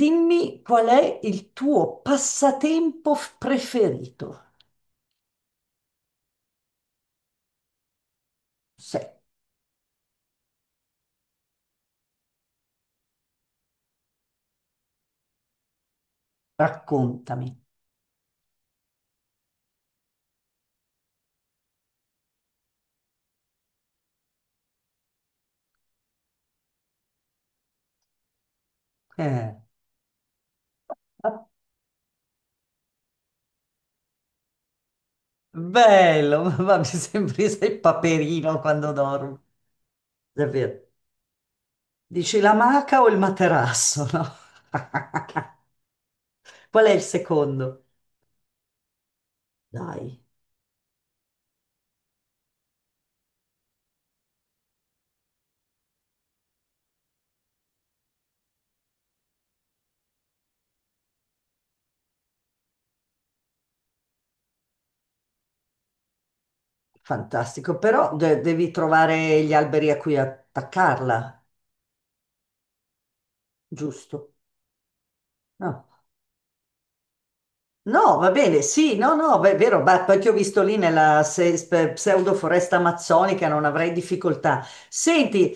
Dimmi qual è il tuo passatempo preferito. Se, Raccontami. Eh, ah, bello, ma mi sembri sei Paperino quando dormo. Davvero. Dici la maca o il materasso, no? Qual è il secondo? Dai, fantastico, però devi trovare gli alberi a cui attaccarla, giusto? No. No, va bene, sì, no, no, è vero, ma poi ti ho visto lì nella pseudo foresta amazzonica, non avrei difficoltà. Senti,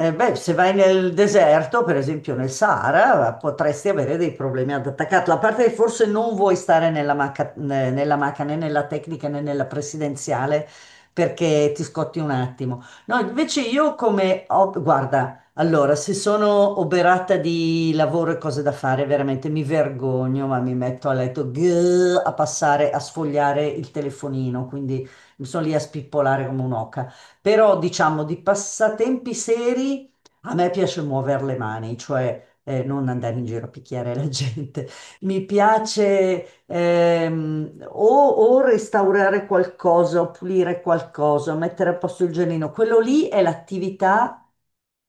eh beh, se vai nel deserto, per esempio nel Sahara, potresti avere dei problemi ad attaccarla. A parte che forse non vuoi stare nella macca, nella macca né nella tecnica né nella presidenziale perché ti scotti un attimo. No, invece io guarda, allora, se sono oberata di lavoro e cose da fare, veramente mi vergogno, ma mi metto a letto grrr, a passare, a sfogliare il telefonino, quindi mi sono lì a spippolare come un'oca. Però diciamo di passatempi seri a me piace muovere le mani, cioè non andare in giro a picchiare la gente. Mi piace o restaurare qualcosa, o pulire qualcosa, mettere a posto il giardino. Quello lì è l'attività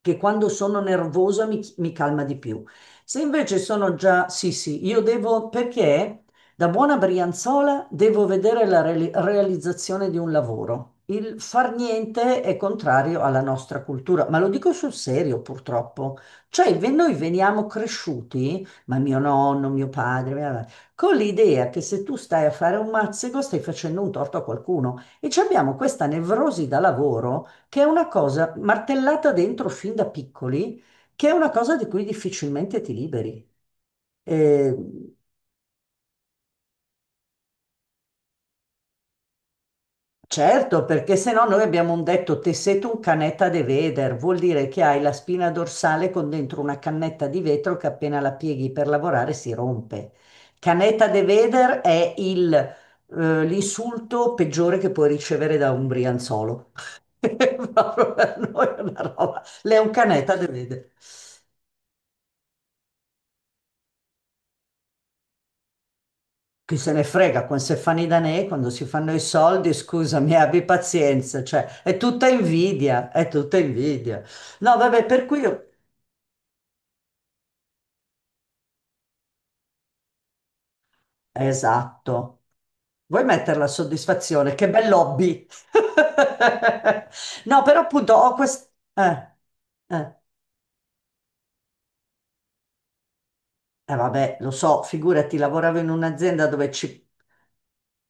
che quando sono nervosa mi calma di più. Se invece sono già, sì, sì, io devo, perché? Da buona brianzola devo vedere la realizzazione di un lavoro. Il far niente è contrario alla nostra cultura, ma lo dico sul serio purtroppo. Cioè, noi veniamo cresciuti, ma mio nonno, mio padre, mia madre, con l'idea che se tu stai a fare un mazzego stai facendo un torto a qualcuno. E ci abbiamo questa nevrosi da lavoro che è una cosa martellata dentro fin da piccoli, che è una cosa di cui difficilmente ti liberi. Eh, Certo, perché se no noi abbiamo un detto un canetta de veder, vuol dire che hai la spina dorsale con dentro una cannetta di vetro che appena la pieghi per lavorare si rompe. Canetta de veder è l'insulto peggiore che puoi ricevere da un brianzolo. Proprio per noi è una roba. Lei è un canetta de veder. Chi se ne frega, quando si fanno i danè, quando si fanno i soldi, scusami, abbi pazienza, cioè è tutta invidia, è tutta invidia. No, vabbè, per cui io. Esatto. Vuoi mettere la soddisfazione? Che bel hobby! No, però appunto ho questo. Eh, vabbè, lo so, figurati, lavoravo in un'azienda dove ci.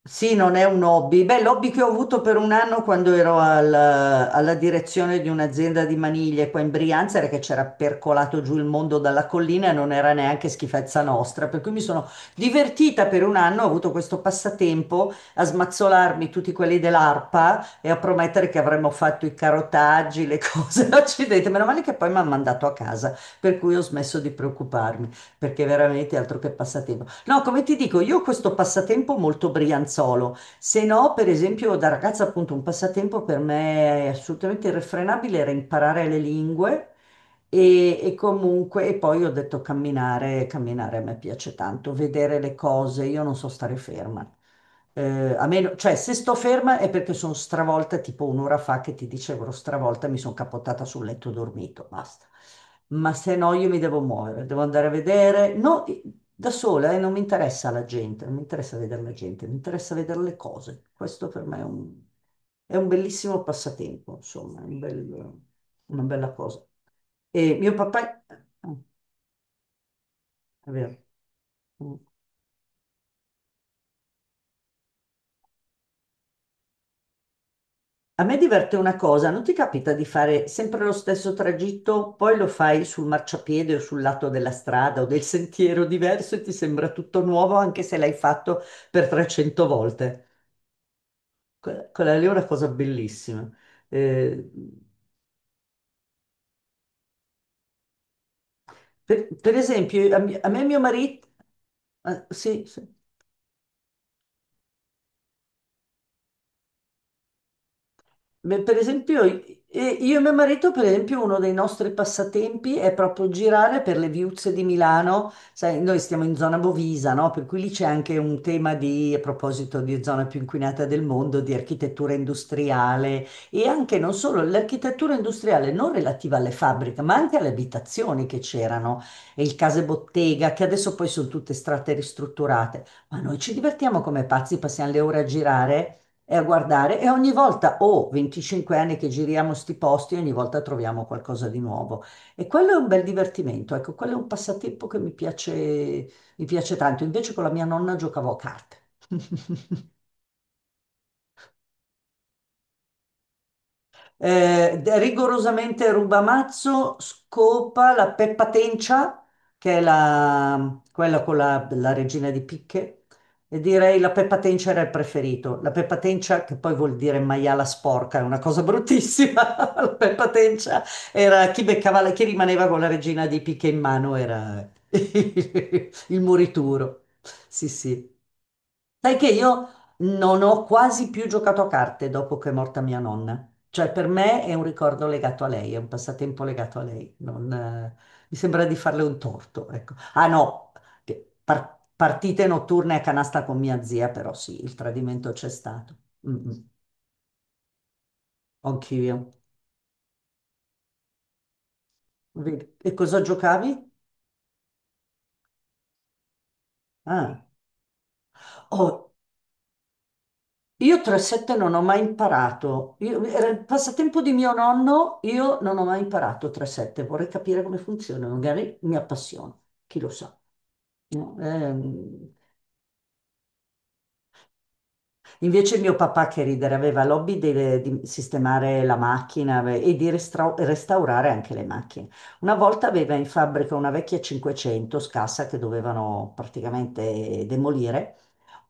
Sì, non è un hobby. Beh, l'hobby che ho avuto per un anno quando ero alla direzione di un'azienda di maniglie qua in Brianza era che c'era percolato giù il mondo dalla collina e non era neanche schifezza nostra. Per cui mi sono divertita per un anno, ho avuto questo passatempo a smazzolarmi tutti quelli dell'ARPA e a promettere che avremmo fatto i carotaggi, le cose. Accidenti, meno male che poi mi hanno mandato a casa, per cui ho smesso di preoccuparmi, perché veramente altro che passatempo. No, come ti dico, io ho questo passatempo molto brianzolo. Se no, per esempio, da ragazza, appunto, un passatempo per me assolutamente irrefrenabile era imparare le lingue e comunque, e poi ho detto camminare, camminare a me piace tanto, vedere le cose, io non so stare ferma. A meno, cioè, se sto ferma è perché sono stravolta, tipo un'ora fa che ti dicevo, ero stravolta, mi sono capottata sul letto e ho dormito, basta ma se no io mi devo muovere, devo andare a vedere. No, da sola e non mi interessa la gente, non mi interessa vedere la gente, mi interessa vedere le cose. Questo per me è un bellissimo passatempo, insomma, è un una bella cosa. E mio papà, ah, è vero. Mm. A me diverte una cosa, non ti capita di fare sempre lo stesso tragitto, poi lo fai sul marciapiede o sul lato della strada o del sentiero diverso e ti sembra tutto nuovo anche se l'hai fatto per 300 volte. Quella lì è una cosa bellissima. Eh, per esempio, a me e mio marito, ah, sì, sì. Beh, per esempio, io e mio marito, per esempio, uno dei nostri passatempi è proprio girare per le viuzze di Milano. Sai, noi stiamo in zona Bovisa, no? Per cui lì c'è anche un tema di, a proposito di zona più inquinata del mondo, di architettura industriale e anche non solo l'architettura industriale non relativa alle fabbriche, ma anche alle abitazioni che c'erano e il case bottega, che adesso poi sono tutte strate ristrutturate. Ma noi ci divertiamo come pazzi, passiamo le ore a girare e a guardare e ogni volta, ho 25 anni che giriamo sti posti, ogni volta troviamo qualcosa di nuovo. E quello è un bel divertimento, ecco, quello è un passatempo che mi piace tanto. Invece con la mia nonna giocavo a carte. Rigorosamente Rubamazzo scopa la Peppa Tencia, che è la, quella con la regina di picche, e direi la Peppa Tencia era il preferito. La Peppa Tencia, che poi vuol dire maiala sporca, è una cosa bruttissima. La Peppa Tencia era chi beccava, chi rimaneva con la regina di picche in mano era il morituro. Sì, sì. Sai che io non ho quasi più giocato a carte dopo che è morta mia nonna. Cioè, per me è un ricordo legato a lei, è un passatempo legato a lei. Non, mi sembra di farle un torto, ecco. Ah no, che partite notturne a canasta con mia zia, però sì, il tradimento c'è stato. Mm, mm, Anch'io. Vedi. E cosa giocavi? Ah. Oh, io 3-7 non ho mai imparato. Era il passatempo di mio nonno, io non ho mai imparato 3-7. Vorrei capire come funziona, magari mi appassiono, chi lo sa. No, invece mio papà che ridere aveva l'hobby di sistemare la macchina e di restaurare anche le macchine. Una volta aveva in fabbrica una vecchia 500 scassa che dovevano praticamente demolire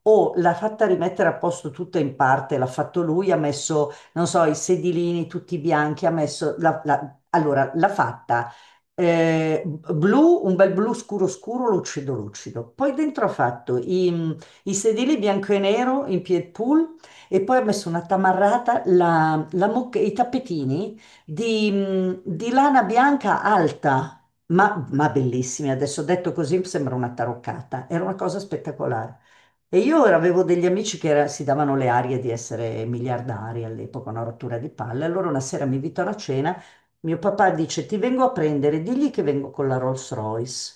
o l'ha fatta rimettere a posto tutta in parte, l'ha fatto lui, ha messo, non so, i sedilini tutti bianchi, ha messo, allora l'ha fatta blu, un bel blu scuro scuro, lucido lucido. Poi dentro ha fatto i sedili bianco e nero in pied pool e poi ha messo una tamarrata, i tappetini di lana bianca alta. Ma bellissimi, adesso detto così sembra una taroccata, era una cosa spettacolare. E io ora avevo degli amici che si davano le arie di essere miliardari all'epoca, una rottura di palle. Allora una sera mi invitano a cena, mio papà dice ti vengo a prendere, digli che vengo con la Rolls Royce.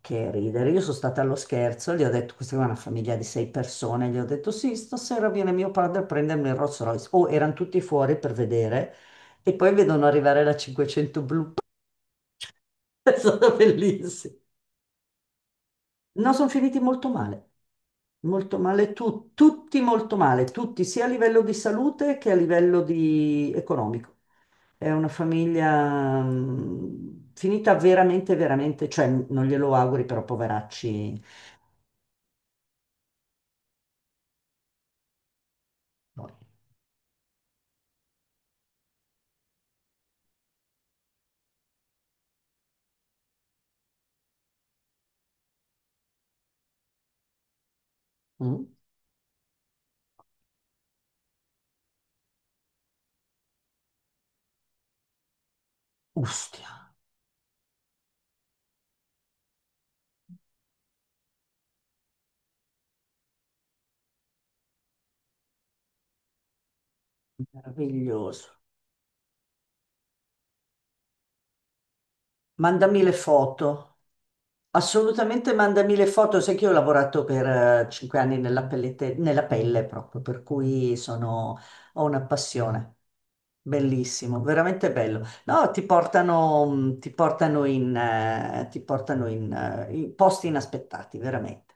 Che ridere, io sono stata allo scherzo, gli ho detto, questa è una famiglia di sei persone, gli ho detto sì, stasera viene mio padre a prendermi il Rolls Royce. Oh, erano tutti fuori per vedere e poi vedono arrivare la 500 blu, è stata bellissima. No, sono finiti molto male, tutti molto male, tutti, sia a livello di salute che a livello di economico. È una famiglia finita veramente, veramente, cioè non glielo auguri, però poveracci noi. Mm? Ustia, meraviglioso. Mandami le foto. Assolutamente mandami le foto, sai che io ho lavorato per 5 anni nella nella pelle proprio, per cui sono, ho una passione. Bellissimo, veramente bello. No, ti portano in, in posti inaspettati, veramente.